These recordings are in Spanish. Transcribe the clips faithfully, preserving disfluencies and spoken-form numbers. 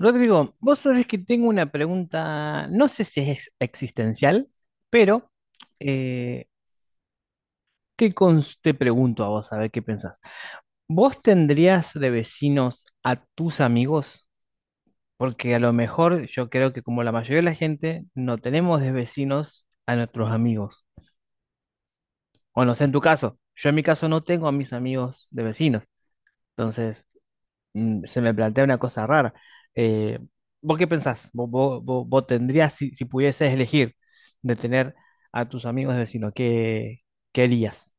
Rodrigo, vos sabés que tengo una pregunta, no sé si es existencial, pero eh, te, cons- te pregunto a vos a ver qué pensás. ¿Vos tendrías de vecinos a tus amigos? Porque a lo mejor yo creo que, como la mayoría de la gente, no tenemos de vecinos a nuestros amigos. O no sé, en tu caso, yo en mi caso no tengo a mis amigos de vecinos. Entonces, mm, se me plantea una cosa rara. Eh, ¿Vos qué pensás? ¿Vos, vos- vos- vos tendrías, si, si pudieses elegir de tener a tus amigos vecinos, qué, qué harías?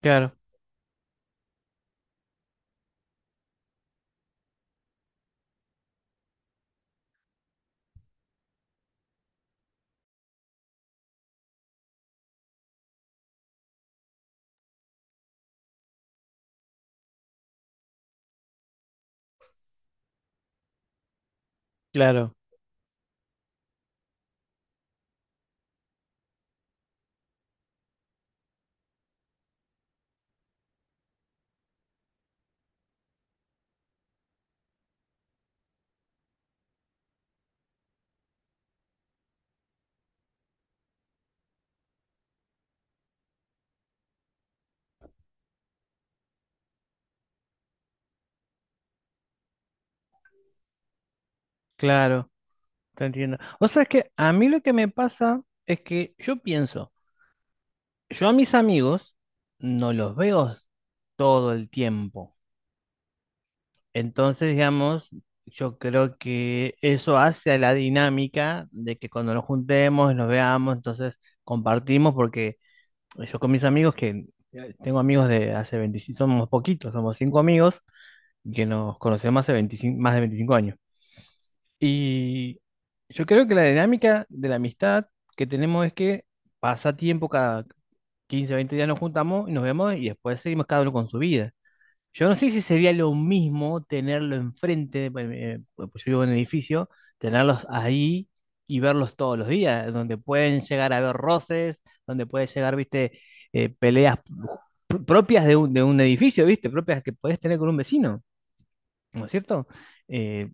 Claro, claro, claro, te entiendo. O sea, es que a mí lo que me pasa es que yo pienso, yo a mis amigos no los veo todo el tiempo. Entonces, digamos, yo creo que eso hace a la dinámica de que, cuando nos juntemos, nos veamos, entonces compartimos. Porque yo, con mis amigos, que eh, tengo amigos de hace veinticinco, somos poquitos, somos cinco amigos que nos conocemos hace veinticinco, más de veinticinco años. Y yo creo que la dinámica de la amistad que tenemos es que pasa tiempo, cada quince, veinte días nos juntamos y nos vemos, y después seguimos cada uno con su vida. Yo no sé si sería lo mismo tenerlo enfrente, pues, eh, pues yo vivo en un edificio, tenerlos ahí y verlos todos los días, donde pueden llegar a ver roces, donde puede llegar, viste, eh, peleas pr- propias de un, de un edificio, viste, propias que podés tener con un vecino, ¿no es cierto? Eh,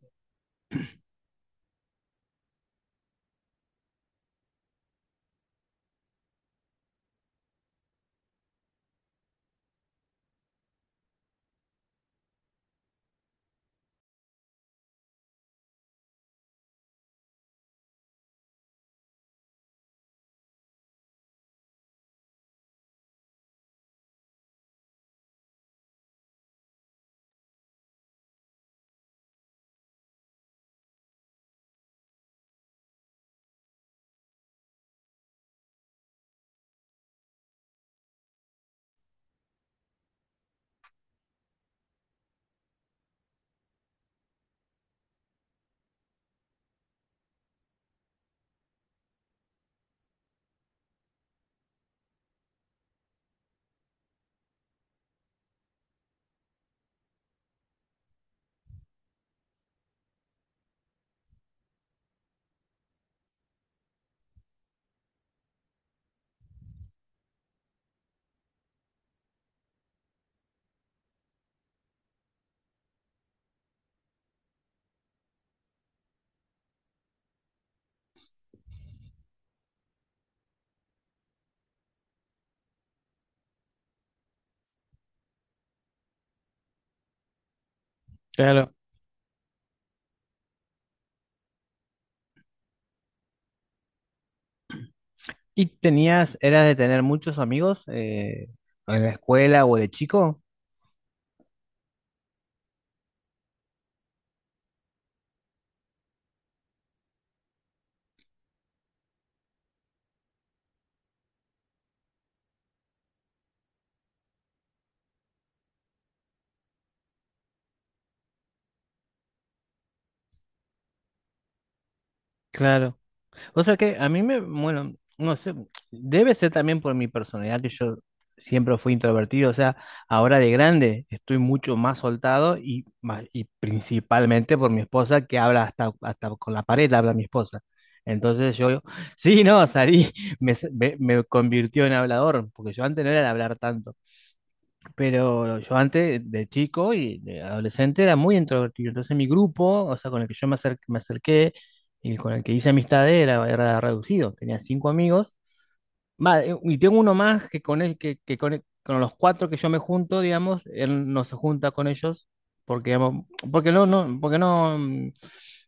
Claro. Y tenías, ¿eras de tener muchos amigos eh, en la escuela o de chico? Claro. O sea que a mí me, bueno, no sé, debe ser también por mi personalidad, que yo siempre fui introvertido. O sea, ahora de grande estoy mucho más soltado, y, ma- y principalmente por mi esposa, que habla hasta, hasta con la pared, habla mi esposa. Entonces yo, sí, no, salí, me, me, me convirtió en hablador, porque yo antes no era de hablar tanto. Pero yo antes, de chico y de adolescente, era muy introvertido. Entonces mi grupo, o sea, con el que yo me acer- me acerqué y con el que hice amistad era, era reducido. Tenía cinco amigos. Va, eh, y tengo uno más, que con el, que, que con, el- con los cuatro que yo me junto, digamos, él no se junta con ellos porque, digamos, porque no, no, porque no, mm,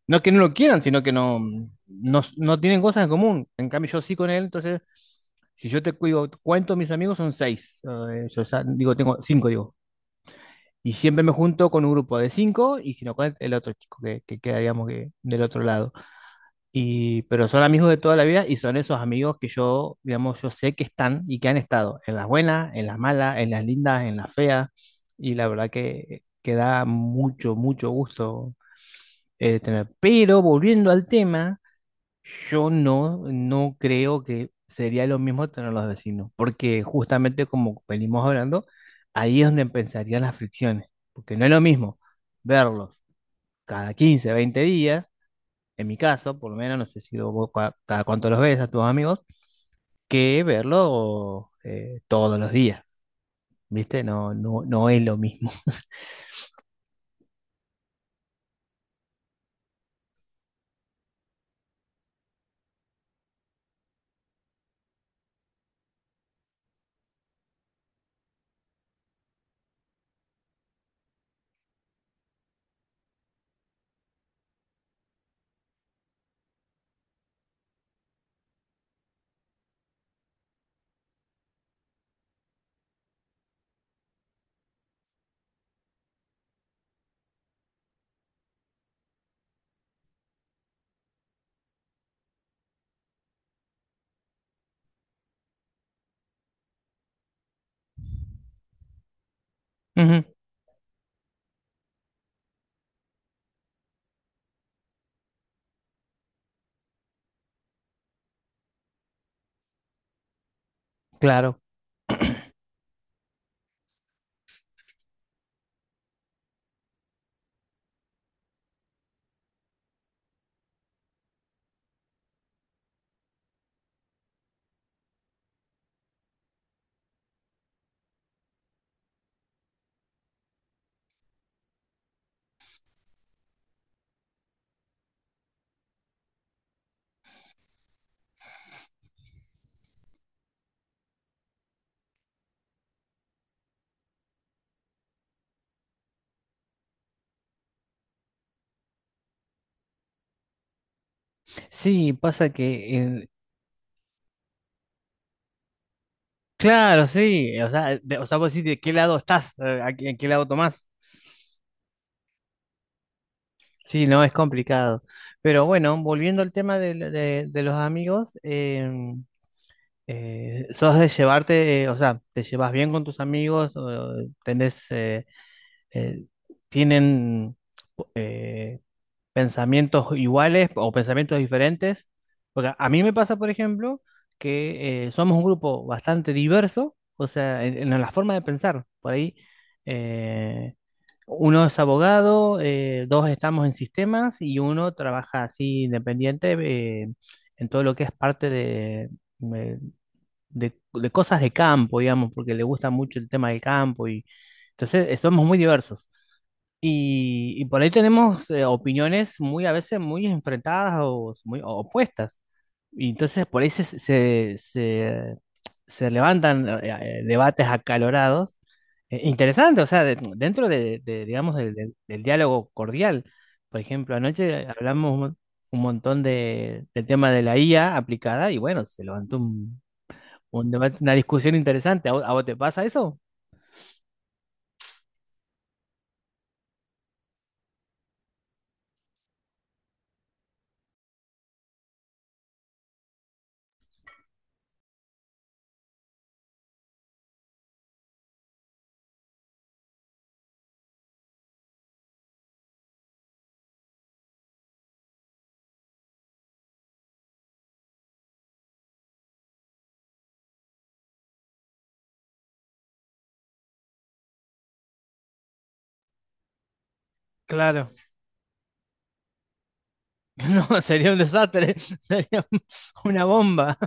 no es que no lo quieran, sino que no, mm, no, no tienen cosas en común. En cambio, yo sí con él, entonces... Si yo te cu- digo, cuento mis amigos, son seis. Eh, yo ya- digo, tengo cinco, digo. Y siempre me junto con un grupo de cinco, y si no, con el el otro chico que, que queda, digamos, que del otro lado. Y pero son amigos de toda la vida, y son esos amigos que yo, digamos, yo sé que están y que han estado en las buenas, en las malas, en las lindas, en las feas. Y la verdad que, que da mucho, mucho gusto eh, tener. Pero, volviendo al tema, yo no, no creo que sería lo mismo tener los vecinos, porque, justamente, como venimos hablando, ahí es donde empezarían las fricciones, porque no es lo mismo verlos cada quince, veinte días, en mi caso, por lo menos, no sé si vos cua- cada cuánto los ves a tus amigos, que verlos eh, todos los días, ¿viste? No, no, no es lo mismo. Ujú, claro, sí, pasa que, eh, claro, sí, o sea, de- o sea, vos decís de qué lado estás, eh, a qué- en qué lado tomás. Sí, no, es complicado. Pero bueno, volviendo al tema de, de- de los amigos, em, eh, ¿sos de llevarte, eh, o sea, te llevas bien con tus amigos, o tenés, eh, eh, tienen pensamientos iguales o pensamientos diferentes? Porque a mí me pasa, por ejemplo, que eh, somos un grupo bastante diverso, o sea, en, en la forma de pensar. Por ahí, eh, uno es abogado, eh, dos estamos en sistemas y uno trabaja así, independiente, eh, en todo lo que es parte de, de- de- de cosas de campo, digamos, porque le gusta mucho el tema del campo. Y entonces, eh, somos muy diversos. Y, y por ahí tenemos eh, opiniones muy a veces, muy enfrentadas o muy opuestas. Y entonces por ahí se, se, se- se levantan eh, debates acalorados, eh, interesantes, o sea, de- dentro de, de, digamos, del, del- del diálogo cordial. Por ejemplo, anoche hablamos un, un montón de, del tema de la I A aplicada, y bueno, se levantó un, un debate, una discusión interesante. ¿A vos, a vos te pasa eso? Claro. No, sería un desastre, sería una bomba.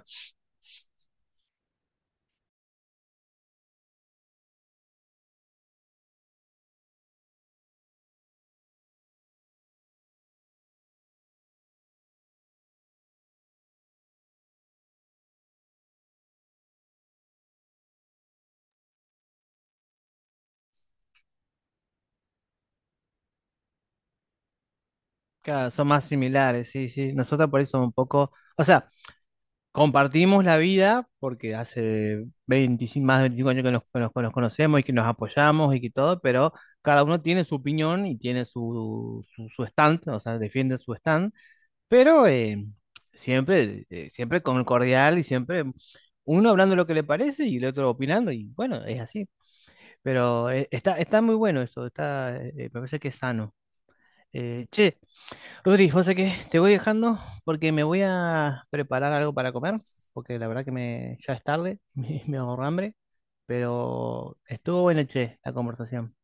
Claro, son más similares, sí, sí. Nosotros, por eso, un poco, o sea, compartimos la vida porque hace veinticinco, más de veinticinco años que nos, que nos- que nos conocemos y que nos apoyamos y que todo. Pero cada uno tiene su opinión y tiene su, su, su stand, o sea, defiende su stand, pero eh, siempre, eh, siempre con cordial, y siempre uno hablando lo que le parece y el otro opinando, y bueno, es así. Pero eh, está, está muy bueno eso, está, eh, me parece que es sano. Eh, che, Rodri, José, que te voy dejando porque me voy a preparar algo para comer, porque la verdad que me, ya es tarde, me, me ahorro hambre, pero estuvo buena, che, la conversación.